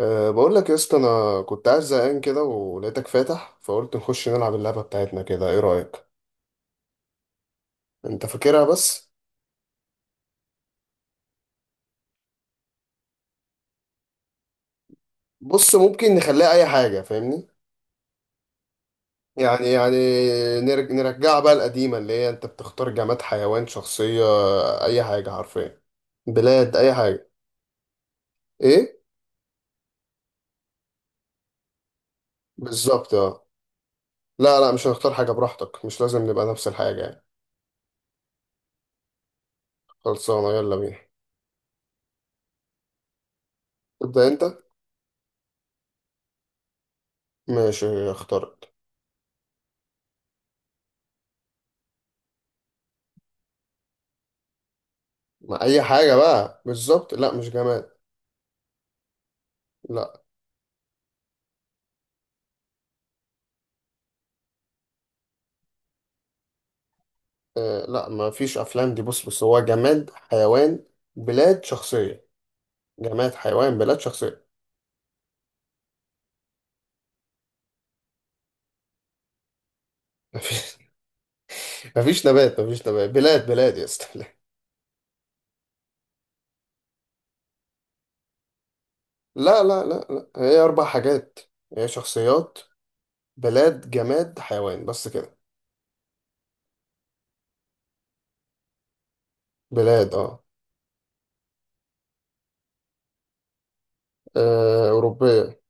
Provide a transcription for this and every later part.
بقول لك يا اسطى، انا كنت قاعد زهقان كده ولقيتك فاتح، فقلت نخش نلعب اللعبه بتاعتنا كده. ايه رايك؟ انت فاكرها بس. بص، ممكن نخليها اي حاجه، فاهمني؟ يعني نرجعها بقى القديمه، اللي هي انت بتختار جماد، حيوان، شخصيه، اي حاجه حرفيا، بلاد، اي حاجه. ايه؟ بالظبط اه. لا لا، مش هنختار حاجه، براحتك، مش لازم نبقى نفس الحاجه يعني. خلصانه، يلا بينا. تبدا انت. ماشي اخترت. ما اي حاجه بقى بالظبط. لا، مش جماد. لا. آه لا، ما فيش افلام. دي بص هو جماد، حيوان، بلاد، شخصية. جماد، حيوان، بلاد، شخصية. ما فيش. ما فيش نبات، ما فيش نبات، بلاد يا اسطى. لا لا لا لا لا. هي اربع حاجات. هي شخصيات، بلاد، جماد، حيوان، بس كده. بلاد اه. آه، أوروبية.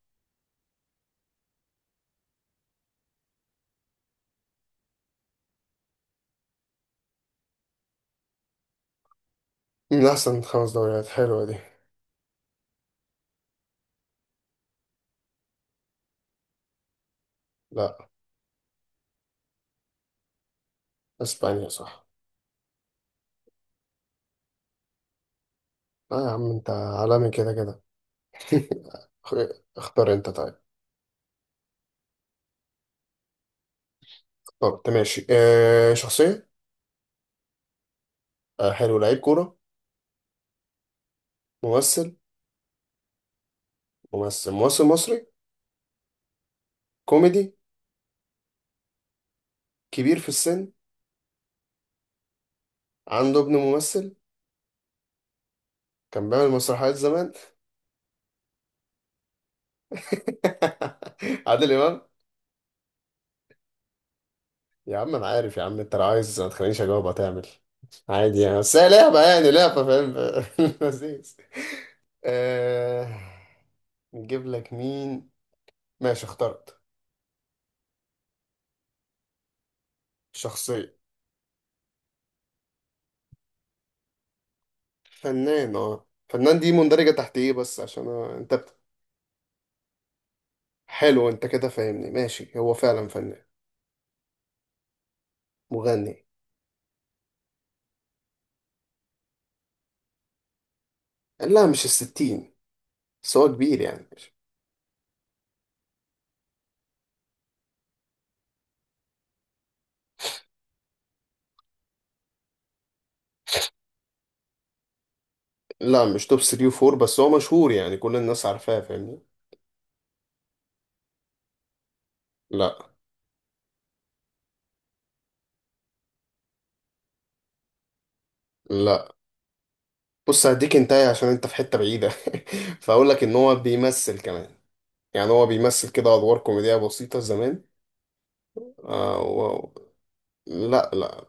من أحسن خمس دوريات، حلوة دي. لا. إسبانيا صح. لا يا عم، أنت عالمي كده كده. اخ- اختار أنت طيب. اخترت ماشي. آه شخصية. آه حلو، لعيب كورة. ممثل. ممثل. ممثل مصري. كوميدي. كبير في السن. عنده ابن ممثل. كان بيعمل مسرحيات زمان. عادل امام. يا عم انا عارف يا عم، انت لو عايز ما تخلينيش اجاوب هتعمل. عادي يعني، بس هي لعبه يعني، لعبه، فاهم؟ لذيذ. آه، نجيب لك مين. ماشي اخترت. شخصية. فنان. اه، فنان دي مندرجة تحت ايه؟ بس عشان أنا... انت بت... حلو، انت كده فاهمني. ماشي، هو فعلا فنان. مغني. لا مش الستين، بس هو كبير يعني. لا مش توب 3 و4، بس هو مشهور يعني، كل الناس عارفاه، فاهمني. لا. لا، بص هديك انتهي، عشان انت في حتة بعيدة. فاقول لك ان هو بيمثل كمان. يعني هو بيمثل كده ادوار كوميدية بسيطة زمان. آه و... لا لا.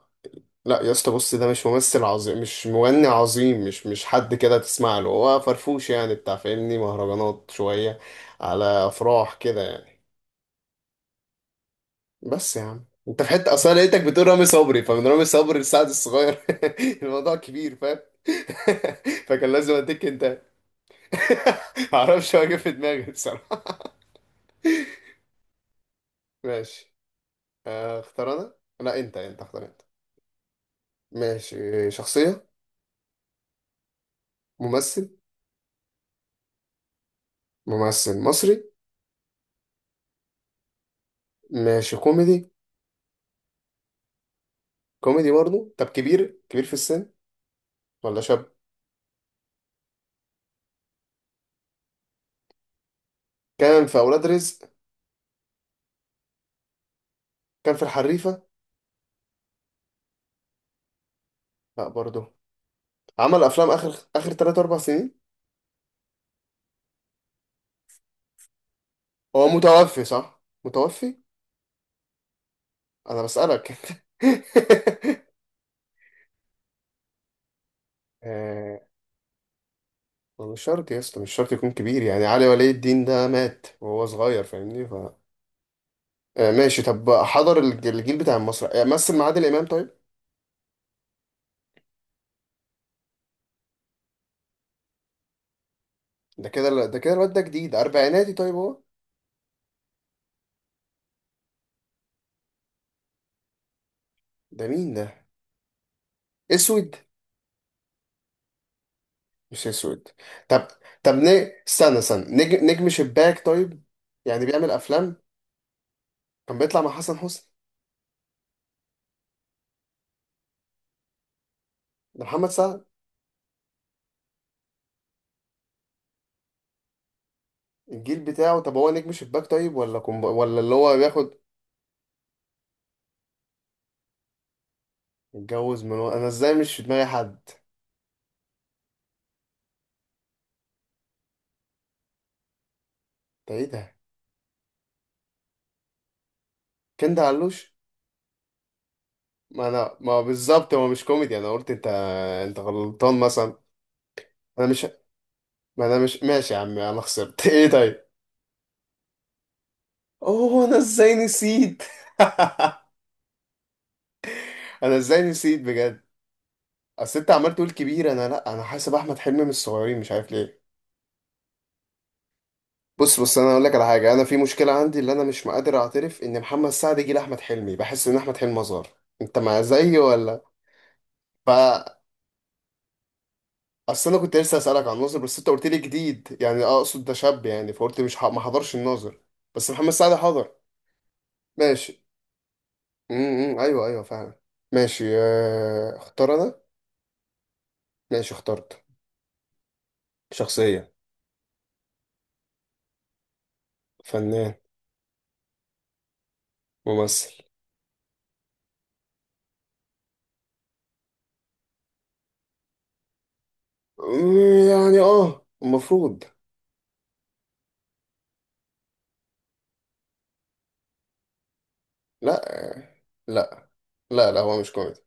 لا يا اسطى، بص، ده مش ممثل عظيم، مش مغني عظيم، مش حد كده تسمع له، هو فرفوش يعني، بتاع فاهمني، مهرجانات شوية، على افراح كده يعني. بس يا عم انت في حته، اصلا لقيتك بتقول رامي صبري، فمن رامي صبري لسعد الصغير. الموضوع كبير، فاهم؟ فكان لازم اديك انت. معرفش، هو جه في دماغي بصراحه. ماشي، آه، اختار انا. لا انت، اختار انت. ماشي شخصيه. ممثل. ممثل مصري. ماشي كوميدي. كوميدي برضه. طب كبير، كبير في السن ولا شاب؟ كان في اولاد رزق. كان في الحريفه. لا برضه. عمل افلام اخر 3 4 سنين. هو متوفي؟ صح متوفي. انا بسألك. انت آه، مش شرط يا اسطى، مش شرط يكون كبير يعني. علي ولي الدين ده مات وهو صغير فاهمني. ف آه، ماشي. طب حضر الجيل بتاع مصر؟ آه، مثل مع عادل امام طيب. ده كده، ده كده. الواد ده جديد، اربعيناتي طيب هو. ده مين ده؟ اسود؟ مش اسود. طب. طب ن... استنى نجم، شباك طيب؟ يعني بيعمل افلام. كان بيطلع مع حسن حسني. ده محمد سعد. الجيل بتاعه. طب هو نجم شباك طيب، ولا كومب... ولا اللي هو بياخد. اتجوز انا ازاي مش في دماغي حد. ده ايه ده؟ كنت علوش. ما انا ما بالظبط، هو مش كوميدي انا قلت انت. انت غلطان مثلا. انا مش ما انا مش ماشي يا عم، انا خسرت. ايه طيب؟ اوه، انا ازاي نسيت. انا ازاي نسيت بجد. اصل انت عمال تقول كبير، انا لا، انا حاسب احمد حلمي من الصغيرين، مش عارف ليه. بص انا اقول لك على حاجه، انا في مشكله عندي، اللي انا مش قادر اعترف ان محمد سعد جه لاحمد حلمي، بحس ان احمد حلمي اصغر. انت مع زيي ولا؟ ف اصل انا كنت لسه اسالك عن الناظر، بس انت قلت لي جديد يعني اقصد، ده شاب يعني، فقلت مش ح... ما حضرش الناظر. بس محمد سعد حضر. ماشي. امم، ايوه ايوه فعلا. ماشي، آه، اختار انا. ماشي اخترت. شخصية. فنان. ممثل. أمم، يعني اه المفروض. لا لا. لا لا، هو مش كوميدي.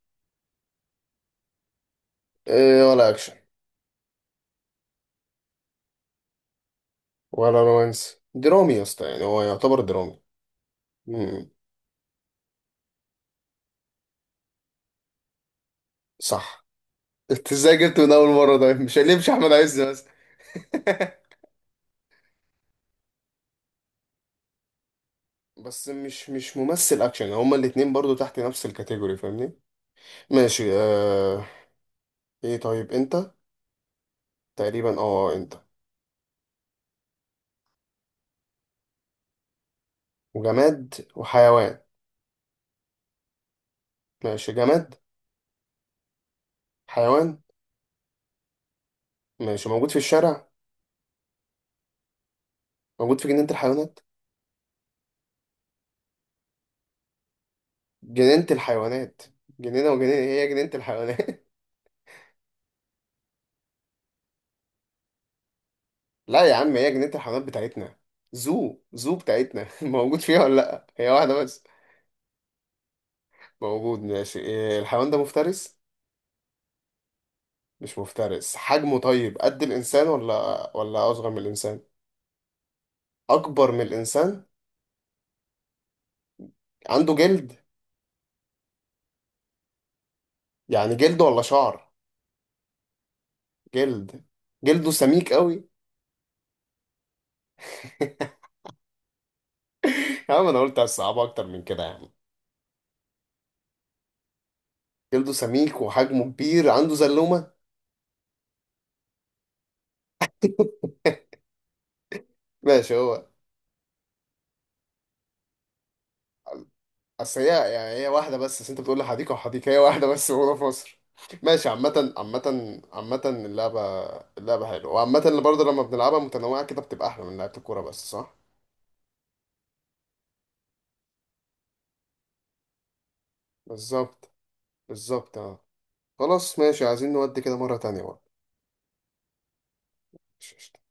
آه، ولا اكشن، ولا رومانس، درامي يا اسطى، يعني هو يعتبر درامي. امم. صح. انت ازاي جبته من اول مرة؟ ده مش هيمشي احمد عز بس. بس مش ممثل اكشن، هما الاتنين برضو تحت نفس الكاتيجوري فاهمني. ماشي. آه... ايه طيب انت؟ تقريبا اه انت. وجماد، وحيوان. ماشي جماد. حيوان. ماشي، موجود في الشارع؟ موجود في جنينة الحيوانات؟ جنينة الحيوانات. جنينة وجنينة، هي جنينة الحيوانات. لا يا عم، هي جنينة الحيوانات بتاعتنا، زو زو بتاعتنا. موجود فيها ولا لا؟ هي واحدة بس. موجود ماشي. إيه الحيوان ده، مفترس؟ مش مفترس. حجمه طيب قد الإنسان ولا أصغر من الإنسان؟ اكبر من الانسان. عنده جلد؟ يعني جلد ولا شعر. جلد. جلده سميك قوي. يا عم انا قلت هتصعبها اكتر من كده يعني. جلده سميك وحجمه كبير، عنده زلومه. ماشي هو. اصل هي، يعني هي واحده بس، أصل انت بتقول لي حديقه وحديقه، هي واحده بس موجوده في مصر. ماشي، عامة، عامة، عامة اللعبة. اللعبة حلوة، وعامة اللي برضه لما بنلعبها متنوعة كده، بتبقى أحلى من لعبة الكورة بس، صح؟ بالظبط. بالظبط اه. خلاص ماشي، عايزين نودي كده مرة تانية بقى.